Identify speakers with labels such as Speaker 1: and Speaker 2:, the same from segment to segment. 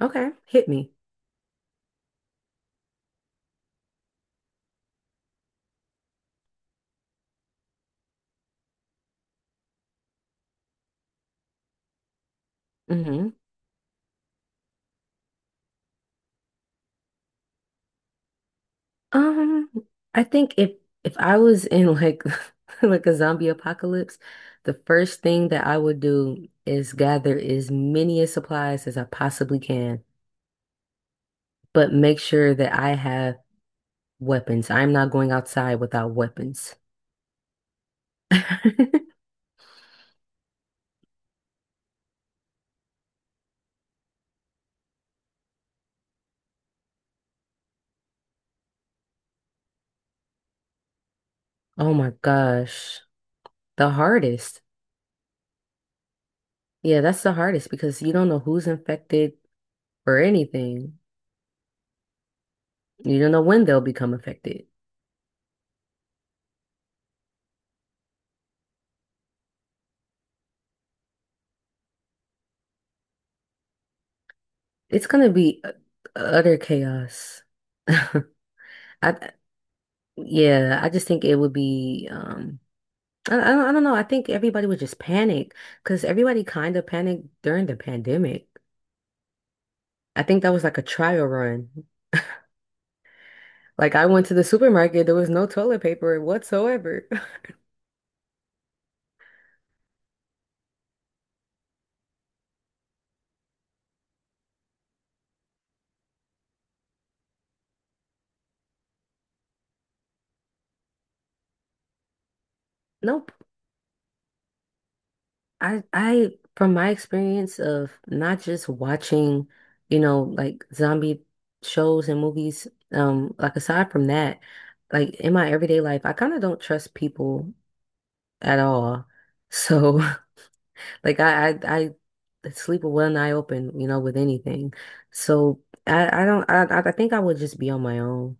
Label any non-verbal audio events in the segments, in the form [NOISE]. Speaker 1: Okay, hit me. Hmm. Um, I think if I was in like [LAUGHS] like a zombie apocalypse, the first thing that I would do is gather as many supplies as I possibly can, but make sure that I have weapons. I'm not going outside without weapons. [LAUGHS] Oh my gosh, the hardest. Yeah, that's the hardest because you don't know who's infected or anything. You don't know when they'll become affected. It's gonna be utter chaos. [LAUGHS] I yeah, I just think it would be I don't know. I think everybody would just panic because everybody kind of panicked during the pandemic. I think that was like a trial run. Like I went to the supermarket, there was no toilet paper whatsoever. [LAUGHS] Nope. I From my experience of not just watching, like zombie shows and movies, like aside from that, like in my everyday life, I kind of don't trust people at all. So [LAUGHS] like I sleep with one eye open, with anything. So I don't I think I would just be on my own.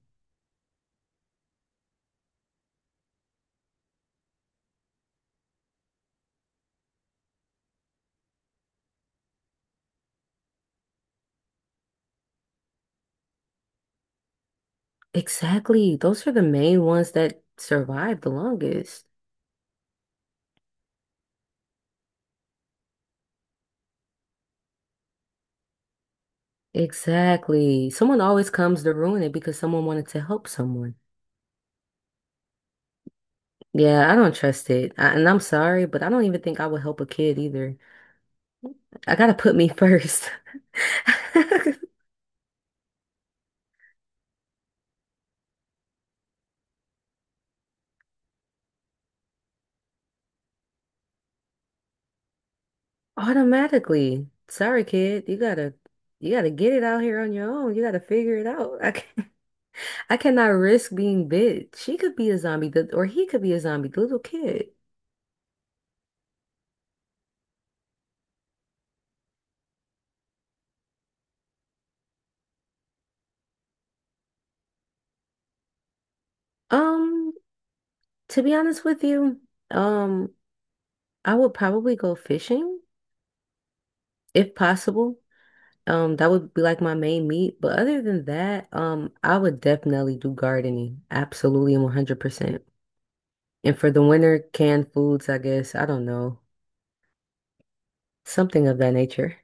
Speaker 1: Exactly. Those are the main ones that survive the longest. Exactly. Someone always comes to ruin it because someone wanted to help someone. Yeah, I don't trust it. And I'm sorry, but I don't even think I would help a kid either. I gotta put me first. [LAUGHS] Automatically. Sorry, kid. You gotta get it out here on your own. You gotta figure it out. I can, [LAUGHS] I cannot risk being bit. She could be a zombie, or he could be a zombie, the little kid. Um, to be honest with you, um, I would probably go fishing if possible. That would be like my main meat. But other than that, I would definitely do gardening. Absolutely and 100%. And for the winter, canned foods, I guess. I don't know. Something of that nature.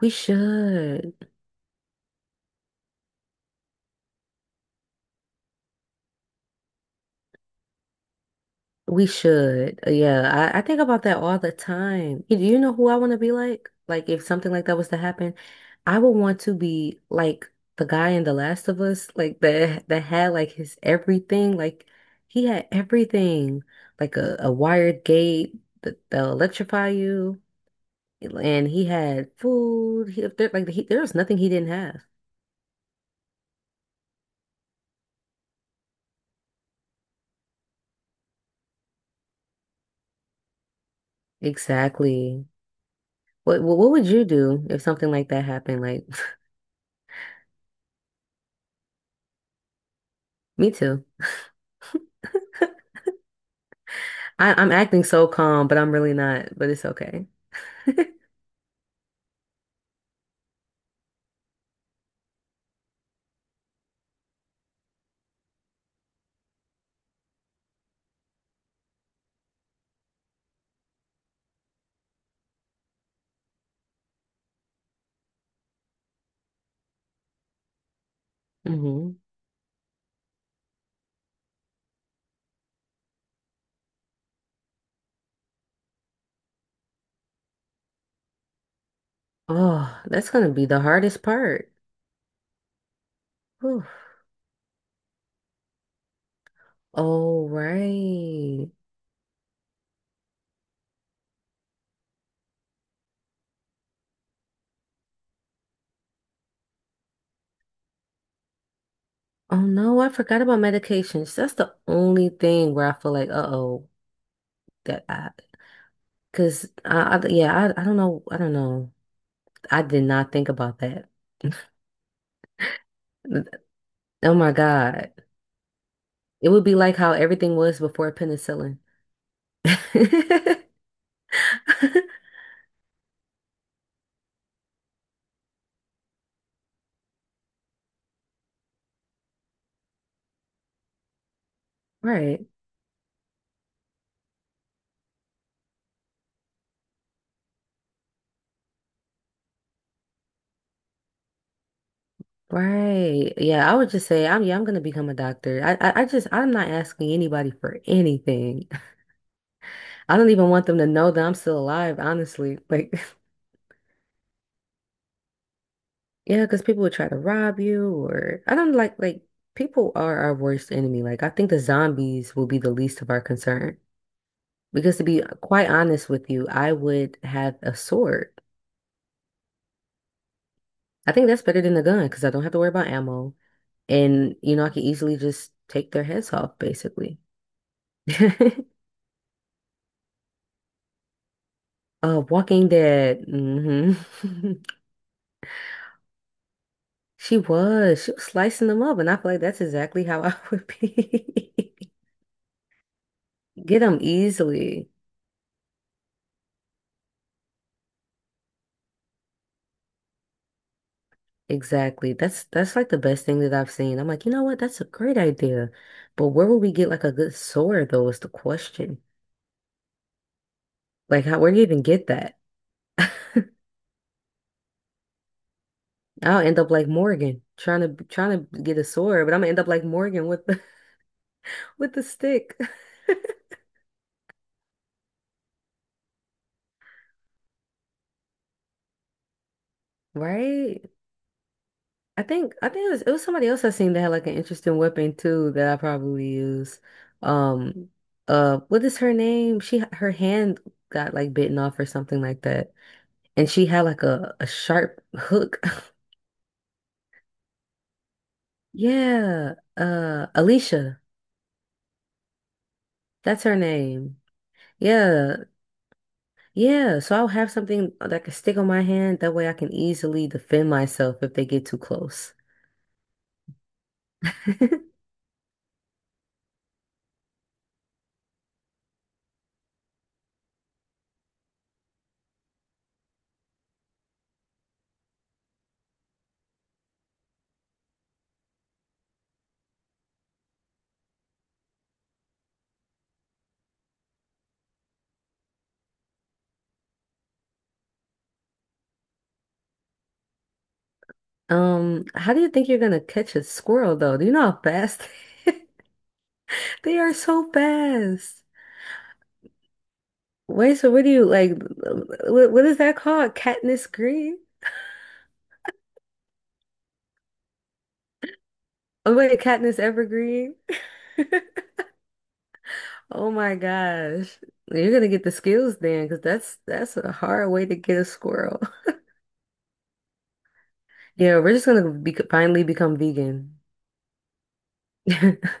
Speaker 1: We should. We should. Yeah, I think about that all the time. You know who I want to be like? Like, if something like that was to happen, I would want to be like the guy in The Last of Us, like that had like his everything. Like, he had everything, like a wired gate that'll electrify you, and he had food. He, there was nothing he didn't have. Exactly. What would you do if something like that happened? Like, [LAUGHS] me too. I'm acting so calm, but I'm really not, but it's okay. [LAUGHS] Hmm. Oh, that's gonna be the hardest part. Whew. Oh, right. Oh no, I forgot about medications. That's the only thing where I feel like, uh-oh, that I, cause I don't know, I don't know. I did not think about that. Oh my God. It would be like how everything was before penicillin. [LAUGHS] Right. Right. Yeah, I would just say I'm yeah, I'm gonna become a doctor. I just I'm not asking anybody for anything. [LAUGHS] I don't even want them to know that I'm still alive, honestly. Like [LAUGHS] yeah, because people would try to rob you or I don't like people are our worst enemy. Like I think the zombies will be the least of our concern. Because to be quite honest with you, I would have a sword. I think that's better than a gun because I don't have to worry about ammo. And you know, I can easily just take their heads off, basically. [LAUGHS] Walking Dead. Hmm. [LAUGHS] She was. She was slicing them up, and I feel like that's exactly how I would be. [LAUGHS] Get them easily. Exactly. That's like the best thing that I've seen. I'm like, you know what? That's a great idea. But where would we get like a good sword though is the question. Like how where do you even get that? [LAUGHS] I'll end up like Morgan trying to get a sword, but I'm gonna end up like Morgan with the [LAUGHS] with the stick. [LAUGHS] Right? I think it was somebody else I seen that had like an interesting weapon too that I probably use. Um, what is her name? She her hand got like bitten off or something like that, and she had like a sharp hook. [LAUGHS] Yeah, Alicia, that's her name. Yeah, yeah. So I'll have something that can stick on my hand. That way I can easily defend myself if they get too close. [LAUGHS] How do you think you're gonna catch a squirrel though? Do you know how fast? [LAUGHS] They are so fast. Wait, so what do you like? What is that called? Katniss Green? Oh, wait, Katniss Evergreen? Oh my gosh. You're gonna get the skills then, because that's a hard way to get a squirrel. [LAUGHS] Yeah, we're just gonna be, finally become vegan. [LAUGHS]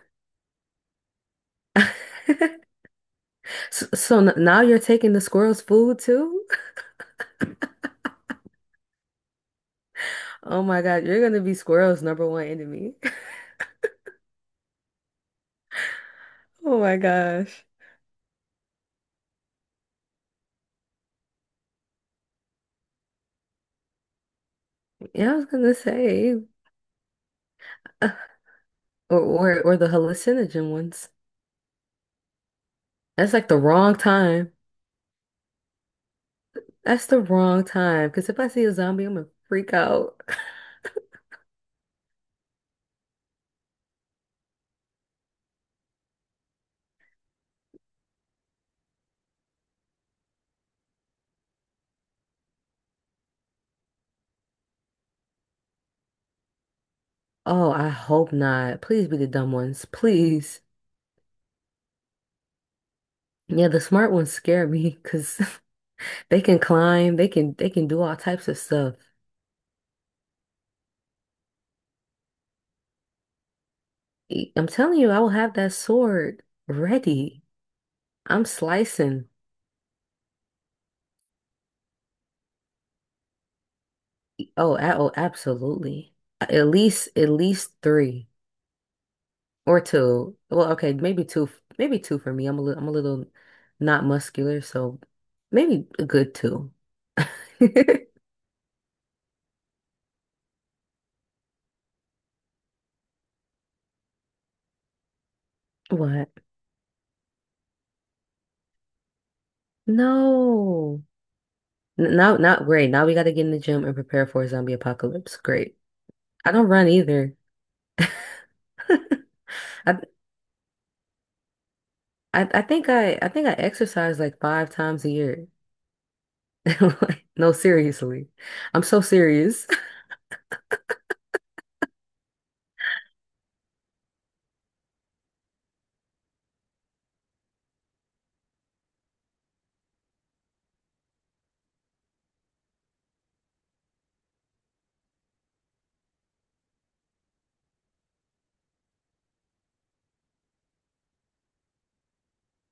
Speaker 1: So, now you're taking the squirrel's food too? Oh my God, you're gonna be squirrel's number one enemy. [LAUGHS] Oh my gosh. Yeah, I was gonna say, [LAUGHS] or or the hallucinogen ones. That's like the wrong time. That's the wrong time. Because if I see a zombie, I'm gonna freak out. [LAUGHS] Oh, I hope not. Please be the dumb ones. Please. Yeah, the smart ones scare me because [LAUGHS] they can climb, they can do all types of stuff. I'm telling you, I will have that sword ready. I'm slicing. Oh, oh, absolutely. At least three or two. Well, okay, maybe two for me. I'm a little not muscular, so maybe a good two. [LAUGHS] What? No. Now, not great. Now we got to get in the gym and prepare for a zombie apocalypse. Great. I don't run either. [LAUGHS] I, I think I exercise like five times a year. [LAUGHS] Like, no, seriously. I'm so serious. [LAUGHS]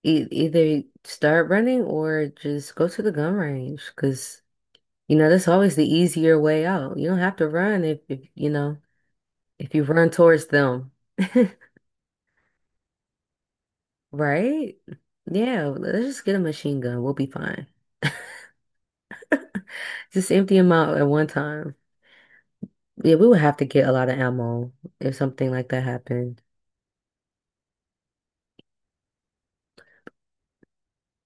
Speaker 1: E either start running or just go to the gun range because you know that's always the easier way out. You don't have to run if you know if you run towards them. [LAUGHS] Right? Yeah, let's just get a machine gun. We'll be fine. Just empty them out at one time. Yeah, we would have to get a lot of ammo if something like that happened.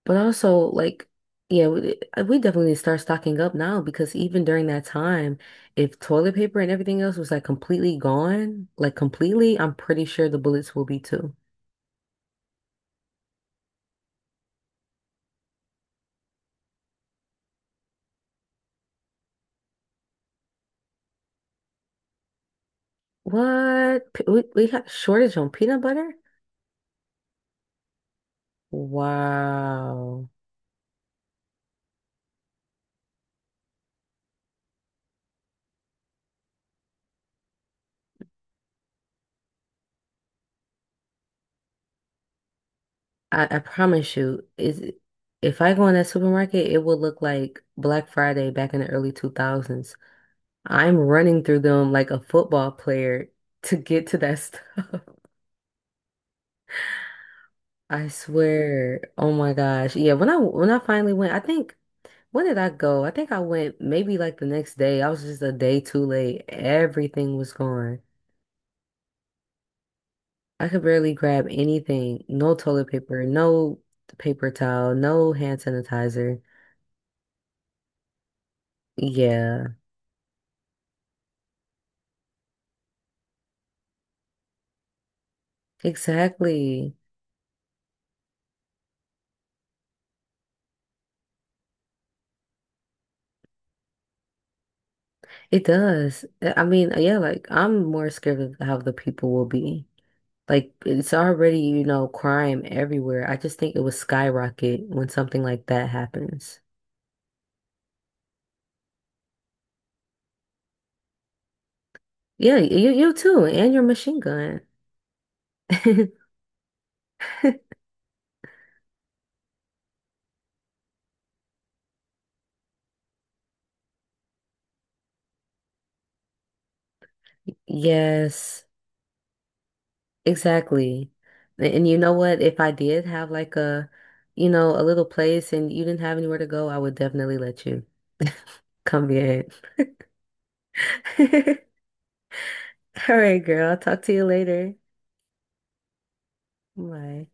Speaker 1: But also, like, yeah, we definitely need to start stocking up now because even during that time, if toilet paper and everything else was like completely gone, like completely, I'm pretty sure the bullets will be too. What? We got a shortage on peanut butter? Wow. I promise you, is if I go in that supermarket, it will look like Black Friday back in the early 2000s. I'm running through them like a football player to get to that stuff. [LAUGHS] I swear. Oh my gosh. Yeah, when I finally went, I think when did I go? I think I went maybe like the next day. I was just a day too late. Everything was gone. I could barely grab anything. No toilet paper, no paper towel, no hand sanitizer. Yeah, exactly. It does. I mean, yeah, like I'm more scared of how the people will be. Like it's already, you know, crime everywhere. I just think it would skyrocket when something like that happens. Yeah, you too, and your machine gun. [LAUGHS] Yes, exactly. And you know what? If I did have like you know, a little place and you didn't have anywhere to go, I would definitely let you come get it. [LAUGHS] All right, girl. I'll talk to you later. Bye.